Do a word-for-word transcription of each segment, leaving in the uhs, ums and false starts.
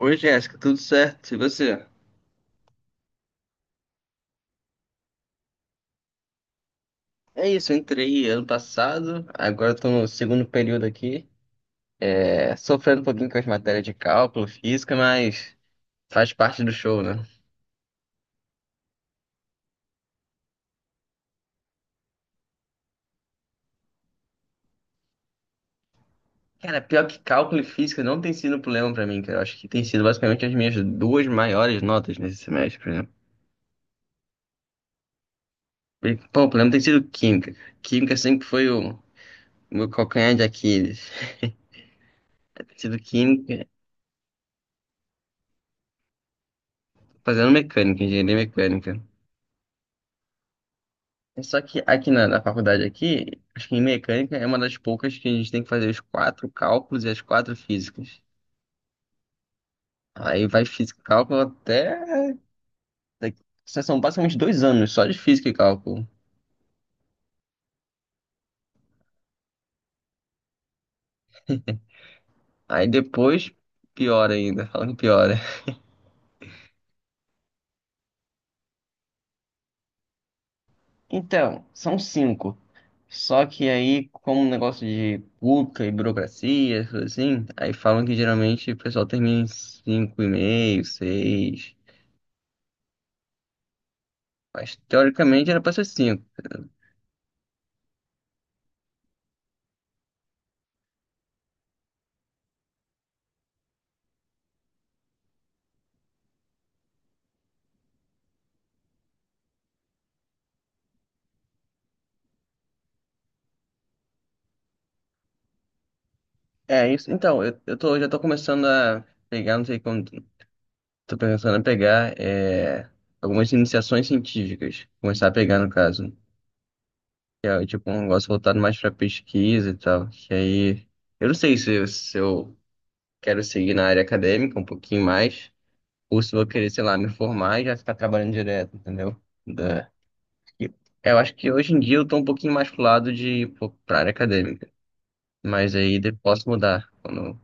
Oi, Jéssica, tudo certo? E você? É isso, eu entrei ano passado, agora estou no segundo período aqui. É, sofrendo um pouquinho com as matérias de cálculo, física, mas faz parte do show, né? Cara, pior que cálculo e física não tem sido um problema pra mim, cara. Eu acho que tem sido basicamente as minhas duas maiores notas nesse semestre, por exemplo. E, pô, o problema tem sido química. Química sempre foi o o meu calcanhar de Aquiles. Tem sido química, fazendo mecânica, engenharia mecânica. É. Só que aqui na, na faculdade aqui, acho que em mecânica é uma das poucas que a gente tem que fazer os quatro cálculos e as quatro físicas. Aí vai física e cálculo até. daqui- São basicamente dois anos só de física e cálculo. Aí depois, pior ainda, falando que piora. Então, são cinco. Só que aí, como um negócio de pública e burocracia, essas coisas assim, aí falam que geralmente o pessoal termina em cinco e meio, seis. Mas teoricamente era pra ser cinco. É isso. Então, eu, eu tô, já tô começando a pegar, não sei como, tô pensando em pegar é, algumas iniciações científicas. Começar a pegar, no caso. Que é tipo um negócio voltado mais pra pesquisa e tal. Que aí, eu não sei se, eu- se eu quero seguir na área acadêmica um pouquinho mais, ou se eu vou querer, sei lá, me formar e já ficar trabalhando direto, entendeu? Da, que- eu acho que hoje em dia eu tô um pouquinho mais pro lado de, pô, pra área acadêmica. Mas aí de- posso mudar quando.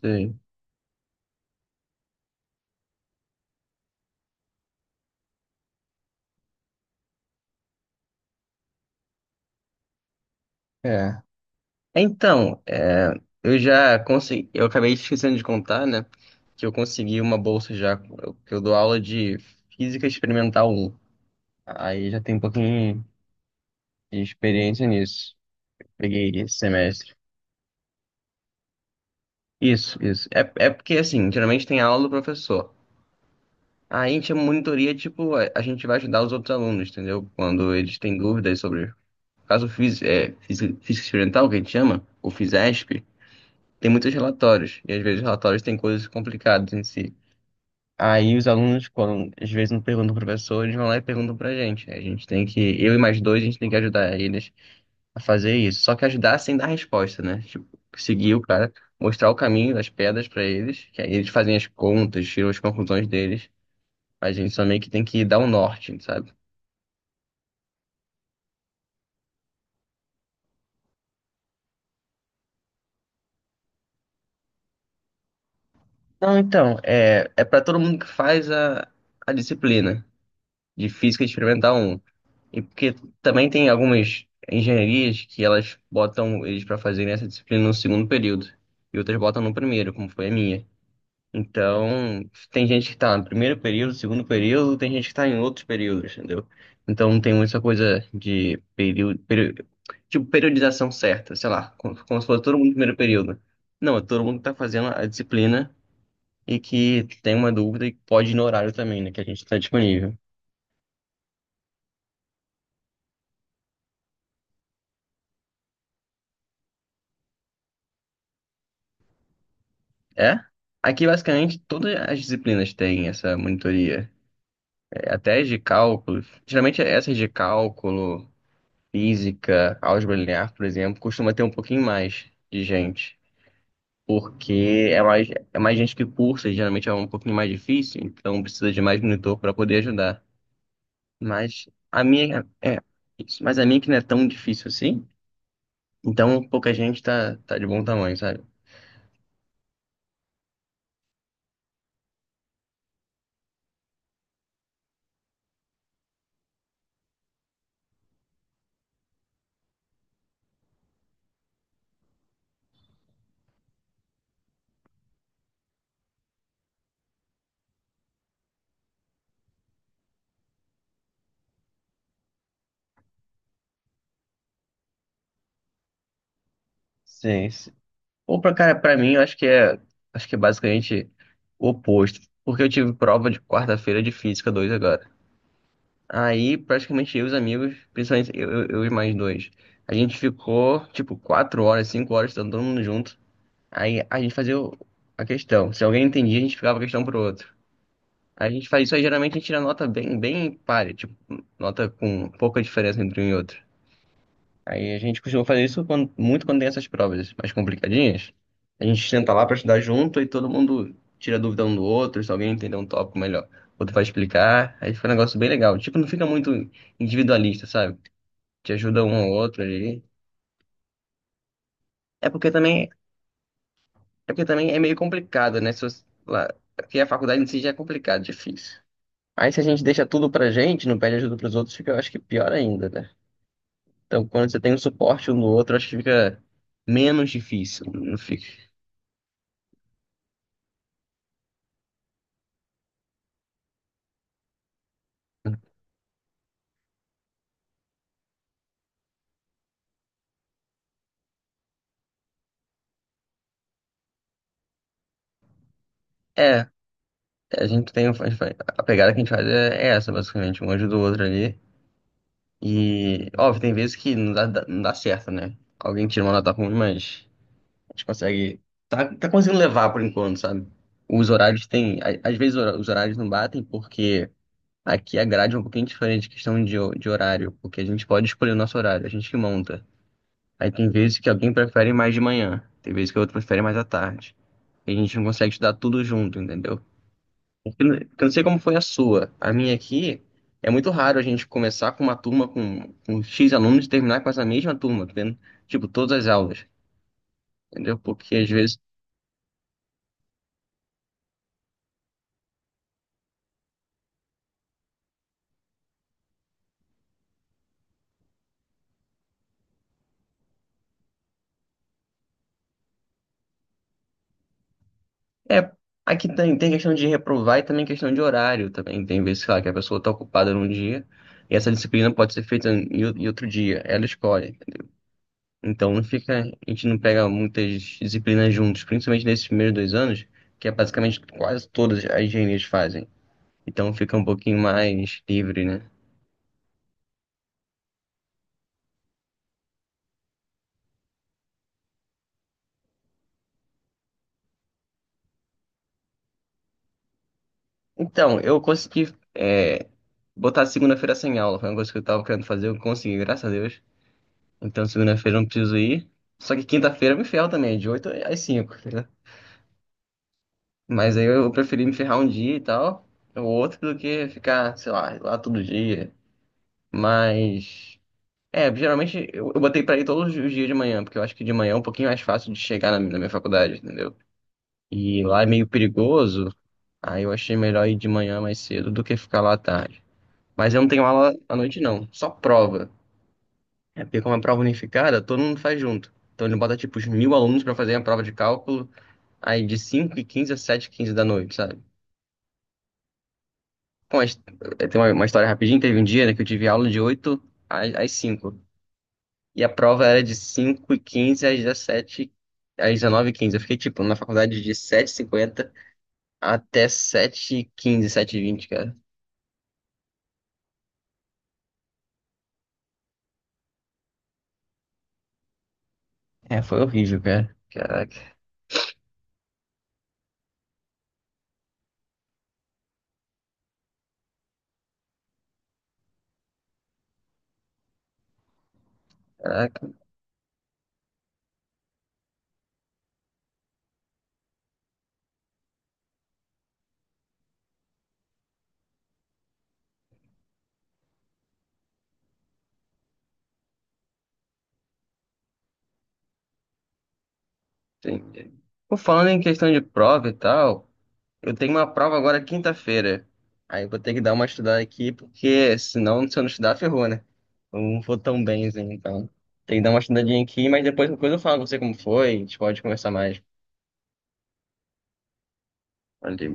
Sim. Então, é, eu já consegui, eu acabei esquecendo de contar, né? Que eu consegui uma bolsa já, eu- que eu dou aula de Física Experimental um. Aí já tem um pouquinho de experiência nisso. Peguei esse semestre. Isso, isso. É, é porque, assim, geralmente tem aula do professor. Aí a gente é monitoria, tipo, a a gente vai ajudar os outros alunos, entendeu? Quando eles têm dúvidas sobre, no caso físico, é, física, física experimental, que a gente chama, o FISESP, tem muitos relatórios. E às vezes os relatórios têm coisas complicadas em si. Aí os alunos, quando às vezes não perguntam pro professor, eles vão lá e perguntam pra gente, né? A gente tem que, eu e mais dois, a gente tem que ajudar eles a fazer isso. Só que ajudar sem dar resposta, né? Tipo, seguir o cara, mostrar o caminho das pedras pra eles, que aí eles fazem as contas, tiram as conclusões deles. A gente só meio que tem que dar o norte, sabe? Não, então, é, é para todo mundo que faz a, a disciplina de Física Experimental um. E porque também tem algumas engenharias que elas botam eles para fazerem essa disciplina no segundo período e outras botam no primeiro, como foi a minha. Então, tem gente que está no primeiro período, segundo período, tem gente que está em outros períodos, entendeu? Então, não tem muita coisa de período, período, tipo, periodização certa, sei lá, como, como se fosse todo mundo no primeiro período. Não, é todo mundo que está fazendo a disciplina e que tem uma dúvida e pode ir no horário também, né, que a gente está disponível. É? Aqui, basicamente, todas as disciplinas têm essa monitoria. É, até as de cálculo. Geralmente, essas de cálculo, física, álgebra linear, por exemplo, costuma ter um pouquinho mais de gente. Porque é mais, é mais gente que cursa, e geralmente é um pouquinho mais difícil, então precisa de mais monitor para poder ajudar. Mas a minha é isso. Mas a minha que não é tão difícil assim, então pouca gente tá, tá de bom tamanho, sabe? Sim. Opa, cara, pra mim, eu acho que é, acho que é basicamente o oposto, porque eu tive prova de quarta-feira de Física dois agora. Aí, praticamente, eu e os amigos, principalmente eu, eu eu e mais dois, a gente ficou, tipo, quatro horas, cinco horas, estando todo mundo junto. Aí, a gente fazia o- a questão. Se alguém entendia, a gente ficava a questão pro outro. Aí a gente faz isso aí, geralmente, a gente tira nota bem, bem páreo, tipo, nota com pouca diferença entre um e outro. Aí a gente costuma fazer isso quando- muito quando tem essas provas mais complicadinhas. A gente senta lá para estudar junto e todo mundo tira dúvida um do outro, se alguém entender um tópico melhor, o outro vai explicar. Aí fica um negócio bem legal. Tipo, não fica muito individualista, sabe? Te ajuda um ao outro ali. É porque também, é porque também é meio complicado, né? Se você, lá, porque a faculdade em si já é complicado, difícil. Aí se a gente deixa tudo pra gente, não pede ajuda pros outros, fica, eu acho que pior ainda, né? Então, quando você tem um suporte um do outro, acho que fica menos difícil, não fica. É, a gente tem. A pegada que a gente faz é é essa, basicamente. Um ajuda o outro ali. E, óbvio, tem vezes que não dá, dá- não dá certo, né? Alguém tira uma nota ruim, mas a gente consegue. Tá, tá conseguindo levar por enquanto, sabe? Os horários tem. a- Às vezes hora- os horários não batem porque aqui a grade é um pouquinho diferente, questão de, ho- de horário, porque a gente pode escolher o nosso horário, a gente que monta. Aí tem vezes que alguém prefere mais de manhã, tem vezes que o outro prefere mais à tarde. E a gente não consegue estudar tudo junto, entendeu? Porque eu não sei como foi a sua. A minha aqui é muito raro a gente começar com uma turma com, com X alunos e terminar com essa mesma turma, tá vendo? Tipo, todas as aulas, entendeu? Porque às vezes. É, aqui tem, tem questão de reprovar e também questão de horário também. Tem vezes, sei lá, que a pessoa está ocupada num dia e essa disciplina pode ser feita em, o- em outro dia, ela escolhe. Então não fica, a gente não pega muitas disciplinas juntos, principalmente nesses primeiros dois anos, que é basicamente quase todas as engenharias fazem. Então fica um pouquinho mais livre, né? Então, eu consegui é, botar segunda-feira sem aula. Foi uma coisa que eu tava querendo fazer, eu consegui, graças a Deus. Então, segunda-feira eu não preciso ir. Só que quinta-feira eu me ferro também, de oito às cinco, né? Mas aí eu preferi me ferrar um dia e tal, ou outro, do que ficar, sei lá, lá todo dia. Mas, é, geralmente eu, eu botei pra ir todos os dias de manhã, porque eu acho que de manhã é um pouquinho mais fácil de chegar na, na minha faculdade, entendeu? E lá é meio perigoso, aí eu achei melhor ir de manhã mais cedo do que ficar lá à tarde. Mas eu não tenho aula à noite, não. Só prova. É porque como é prova unificada, todo mundo faz junto. Então ele bota, tipo, os mil alunos pra fazer a prova de cálculo, aí de cinco e quinze a sete h quinze da noite, sabe? Bom, mas, eh, tem uma, uma história rapidinha. Teve um dia, né, que eu tive aula de oito às, às cinco. E a prova era de cinco e quinze às dezessete, às dezenove h quinze. Eu fiquei, tipo, na faculdade de sete h cinquenta até sete h quinze sete e vinte, cara. É, foi horrível, cara. Caraca, caraca. Sim. Pô, falando em questão de prova e tal, eu tenho uma prova agora quinta-feira. Aí eu vou ter que dar uma estudada aqui, porque senão, se eu não estudar, ferrou, né? Eu não vou tão bem assim, então. Tem que dar uma estudadinha aqui, mas depois qualquer coisa eu falo com você como foi, a gente pode conversar mais. Valeu.